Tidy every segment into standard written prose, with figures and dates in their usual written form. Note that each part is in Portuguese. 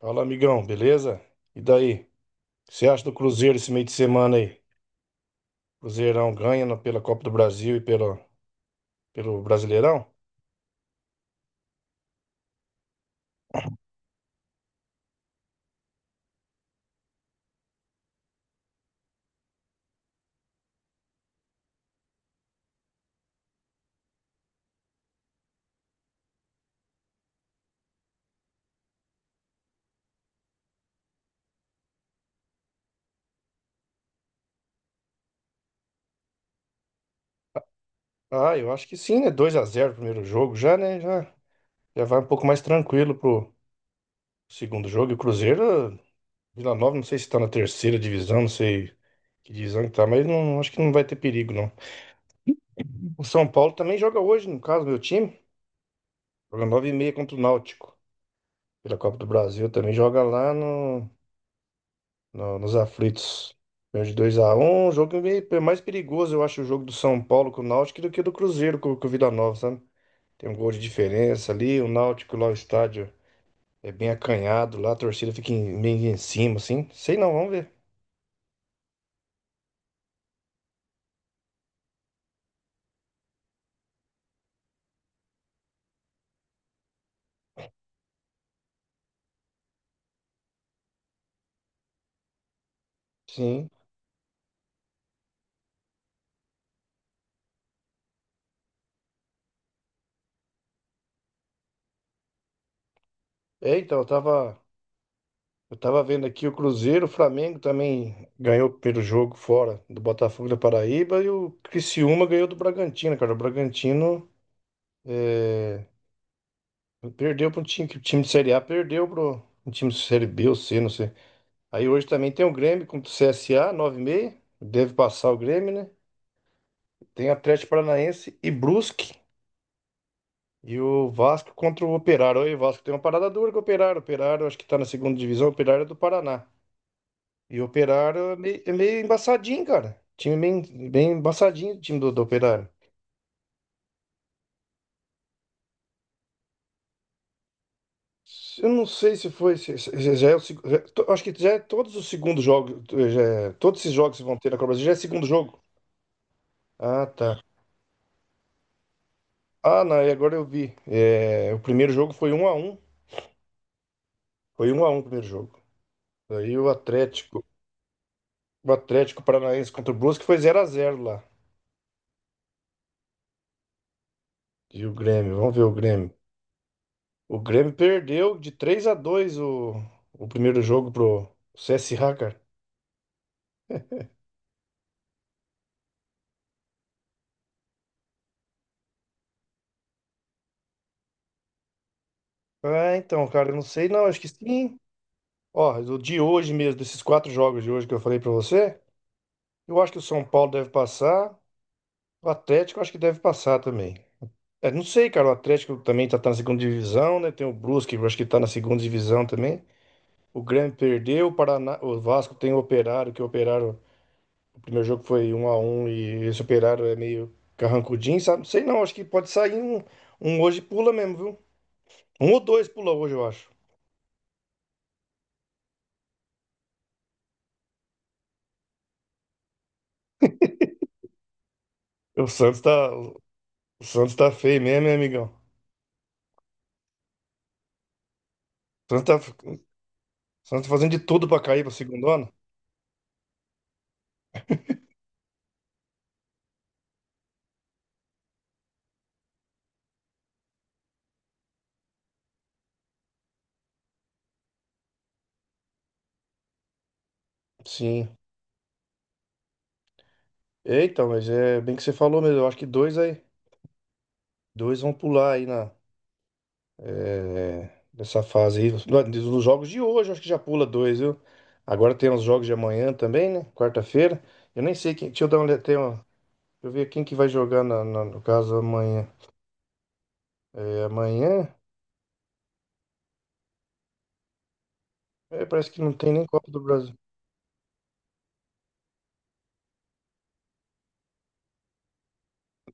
Fala, amigão, beleza? E daí? O que você acha do Cruzeiro esse meio de semana aí? Cruzeirão ganha pela Copa do Brasil e pelo Brasileirão? Ah, eu acho que sim, né? 2-0, o primeiro jogo já, né? Já, já vai um pouco mais tranquilo pro segundo jogo. E o Cruzeiro, Vila Nova, não sei se tá na terceira divisão, não sei que divisão que tá, mas não, acho que não vai ter perigo, não. O São Paulo também joga hoje, no caso, meu time. Joga 9h30 contra o Náutico. Pela Copa do Brasil também joga lá nos aflitos. Ganhou de dois a 1, um jogo meio, mais perigoso, eu acho, o jogo do São Paulo com o Náutico do que do Cruzeiro com o Vila Nova, sabe? Tem um gol de diferença ali, o Náutico lá, o estádio é bem acanhado lá, a torcida fica meio em cima, assim. Sei não, vamos ver. Sim. É, então, eu tava vendo aqui o Cruzeiro, o Flamengo também ganhou pelo jogo fora do Botafogo da Paraíba e o Criciúma ganhou do Bragantino, cara. O Bragantino. é, Perdeu para um time, que o time de Série A, perdeu para um time de Série B ou C, não sei. Aí hoje também tem o Grêmio contra o CSA, nove e 30. Deve passar o Grêmio, né? Tem Atlético Paranaense e Brusque. E o Vasco contra o Operário. Aí o Vasco tem uma parada dura com o Operário. O Operário acho que tá na segunda divisão, o Operário é do Paraná. E o Operário é meio embaçadinho, cara. Time bem, bem embaçadinho, o time do Operário. Eu não sei se foi. Se- se- se já é o seg- Acho que já é todos os segundos jogos. Todos esses jogos que vão ter na Copa do Brasil já é segundo jogo. Ah, tá. Ah, não, e agora eu vi. É, o primeiro jogo foi 1-1. Foi um a um o primeiro jogo. Aí o Atlético. O Atlético Paranaense contra o Brusque foi 0-0 lá. E o Grêmio, vamos ver o Grêmio. O Grêmio perdeu de 3-2 o primeiro jogo pro CSA, cara. Ah, então, cara, eu não sei não. Acho que sim. Ó, o de hoje mesmo, desses quatro jogos de hoje que eu falei pra você, eu acho que o São Paulo deve passar, o Atlético eu acho que deve passar também. É, não sei, cara, o Atlético também tá na segunda divisão, né? Tem o Brusque, eu acho que tá na segunda divisão também. O Grêmio perdeu, o Paraná, o Vasco tem o Operário, que o Operário, o primeiro jogo foi um a um e esse Operário é meio carrancudinho, sabe? Não sei não, acho que pode sair um hoje pula mesmo, viu? Um ou dois pula hoje, eu acho. O Santos tá feio mesmo, hein, amigão? O Santos tá, O Santos fazendo de tudo pra cair pra segundo ano? Sim. Eita, mas é bem que você falou mesmo. Eu acho que dois vão pular aí nessa fase aí. Nos jogos de hoje, eu acho que já pula dois, viu? Agora tem os jogos de amanhã também, né? Quarta-feira. Eu nem sei quem. Deixa eu dar uma olhada. Deixa eu ver quem que vai jogar no caso amanhã. É, amanhã. É, parece que não tem nem Copa do Brasil.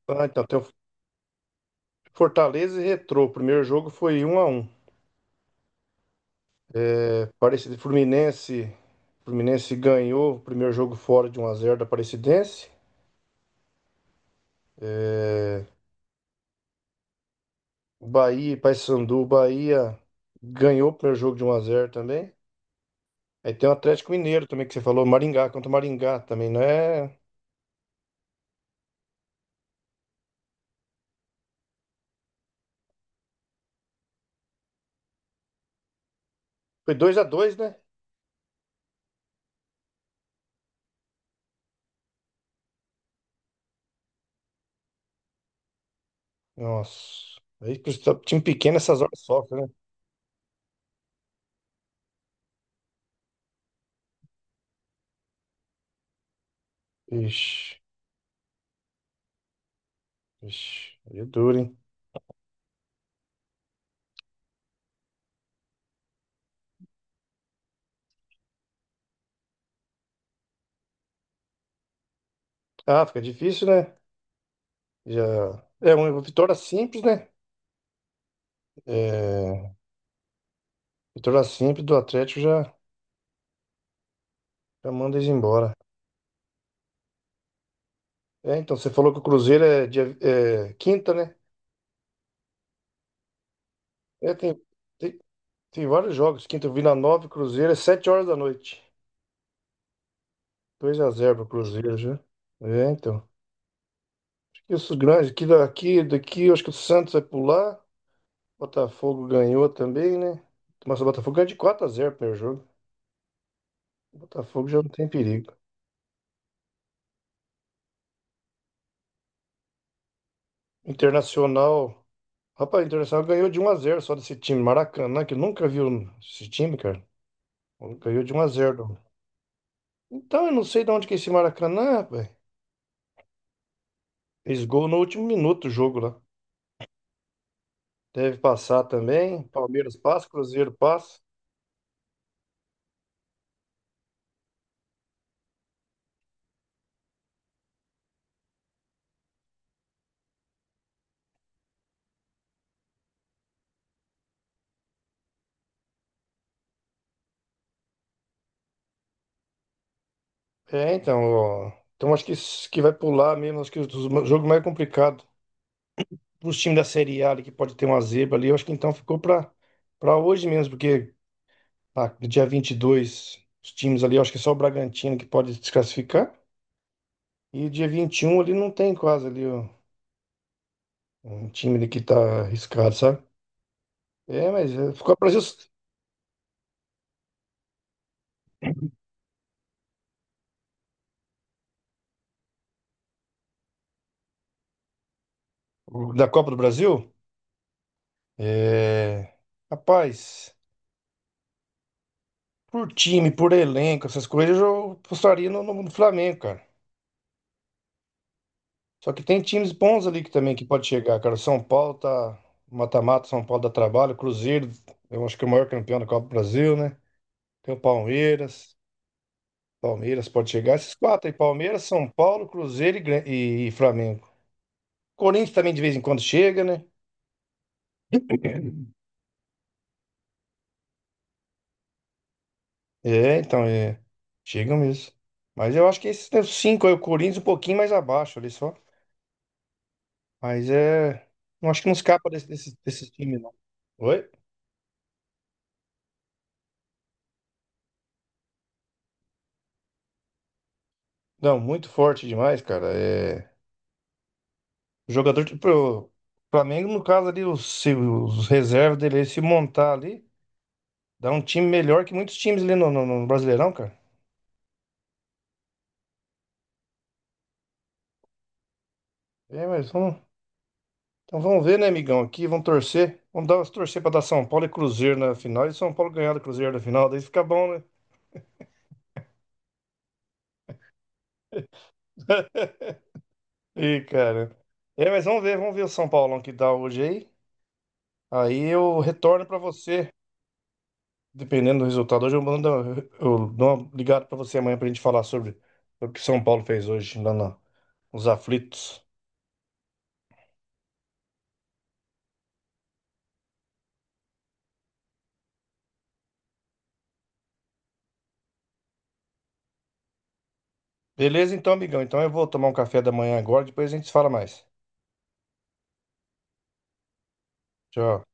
Ah, então tem o Fortaleza e Retrô. O primeiro jogo foi um a um. Aparecida Fluminense. Fluminense ganhou o primeiro jogo fora de um x 0 da Aparecidense. Bahia e Paysandu. Bahia ganhou o primeiro jogo de um x 0 também. Aí tem o Atlético Mineiro também que você falou. Maringá contra o Maringá também, não é? Foi 2-2, né? Nossa. Aí time pequeno essas horas sofre, né? Ixi, ixi. Aí é duro, hein? Ah, fica difícil, né? Já. É uma vitória simples, né? É, vitória simples do Atlético já, já manda eles embora. É, então, você falou que o Cruzeiro é, dia, é quinta, né? É, tem, tem vários jogos. Quinta, Vila Nova e Cruzeiro é 7 horas da noite. 2-0 pro Cruzeiro já. É, então. Acho que os grandes, aqui daqui, eu acho que o Santos vai pular. Botafogo ganhou também, né? Mas o Botafogo ganhou de 4-0 o primeiro jogo. O Botafogo já não tem perigo. Internacional. Rapaz, o Internacional ganhou de 1-0 só desse time. Maracanã, que eu nunca viu esse time, cara. Ganhou de um a zero. Então, eu não sei de onde que é esse Maracanã, rapaz. Fez gol no último minuto do jogo lá. Deve passar também. Palmeiras passa, Cruzeiro passa. É, então, ó, então acho que, que vai pular mesmo. Acho que o jogo mais complicado os times da Série A ali, que pode ter uma zebra ali. Eu acho que então ficou para hoje mesmo, porque ah, dia 22 os times ali, eu acho que é só o Bragantino que pode desclassificar. E dia 21 ali não tem quase ali ó, um time ali que tá arriscado, sabe? É, mas é, ficou a Brasil da Copa do Brasil. É, rapaz. Por time, por elenco, essas coisas, eu apostaria no Flamengo, cara. Só que tem times bons ali que também que pode chegar, cara. São Paulo tá mata-mata, São Paulo dá trabalho, Cruzeiro, eu acho que é o maior campeão da Copa do Brasil, né? Tem o Palmeiras, Palmeiras pode chegar. Esses quatro aí, Palmeiras, São Paulo, Cruzeiro e Flamengo. Corinthians também de vez em quando chega, né? É, então, é. Chega mesmo. Mas eu acho que esses né, os cinco aí, o Corinthians um pouquinho mais abaixo ali só. Mas é. Não acho que não escapa desse time, não. Oi? Não, muito forte demais, cara. É. Jogador de. Pro Flamengo, no caso ali, se os reservas dele se montar ali, dá um time melhor que muitos times ali no Brasileirão, cara. É, mas vamos. Então vamos ver, né, amigão? Aqui, vamos torcer. Torcer pra dar São Paulo e Cruzeiro na final. E São Paulo ganhar do Cruzeiro na final, daí fica bom, né? Ih, cara. É, mas vamos ver o São Paulão que dá hoje aí. Aí eu retorno pra você. Dependendo do resultado, hoje eu dou uma ligada pra você amanhã pra gente falar sobre o que São Paulo fez hoje lá nos aflitos. Beleza, então, amigão. Então eu vou tomar um café da manhã agora, depois a gente se fala mais. Tchau.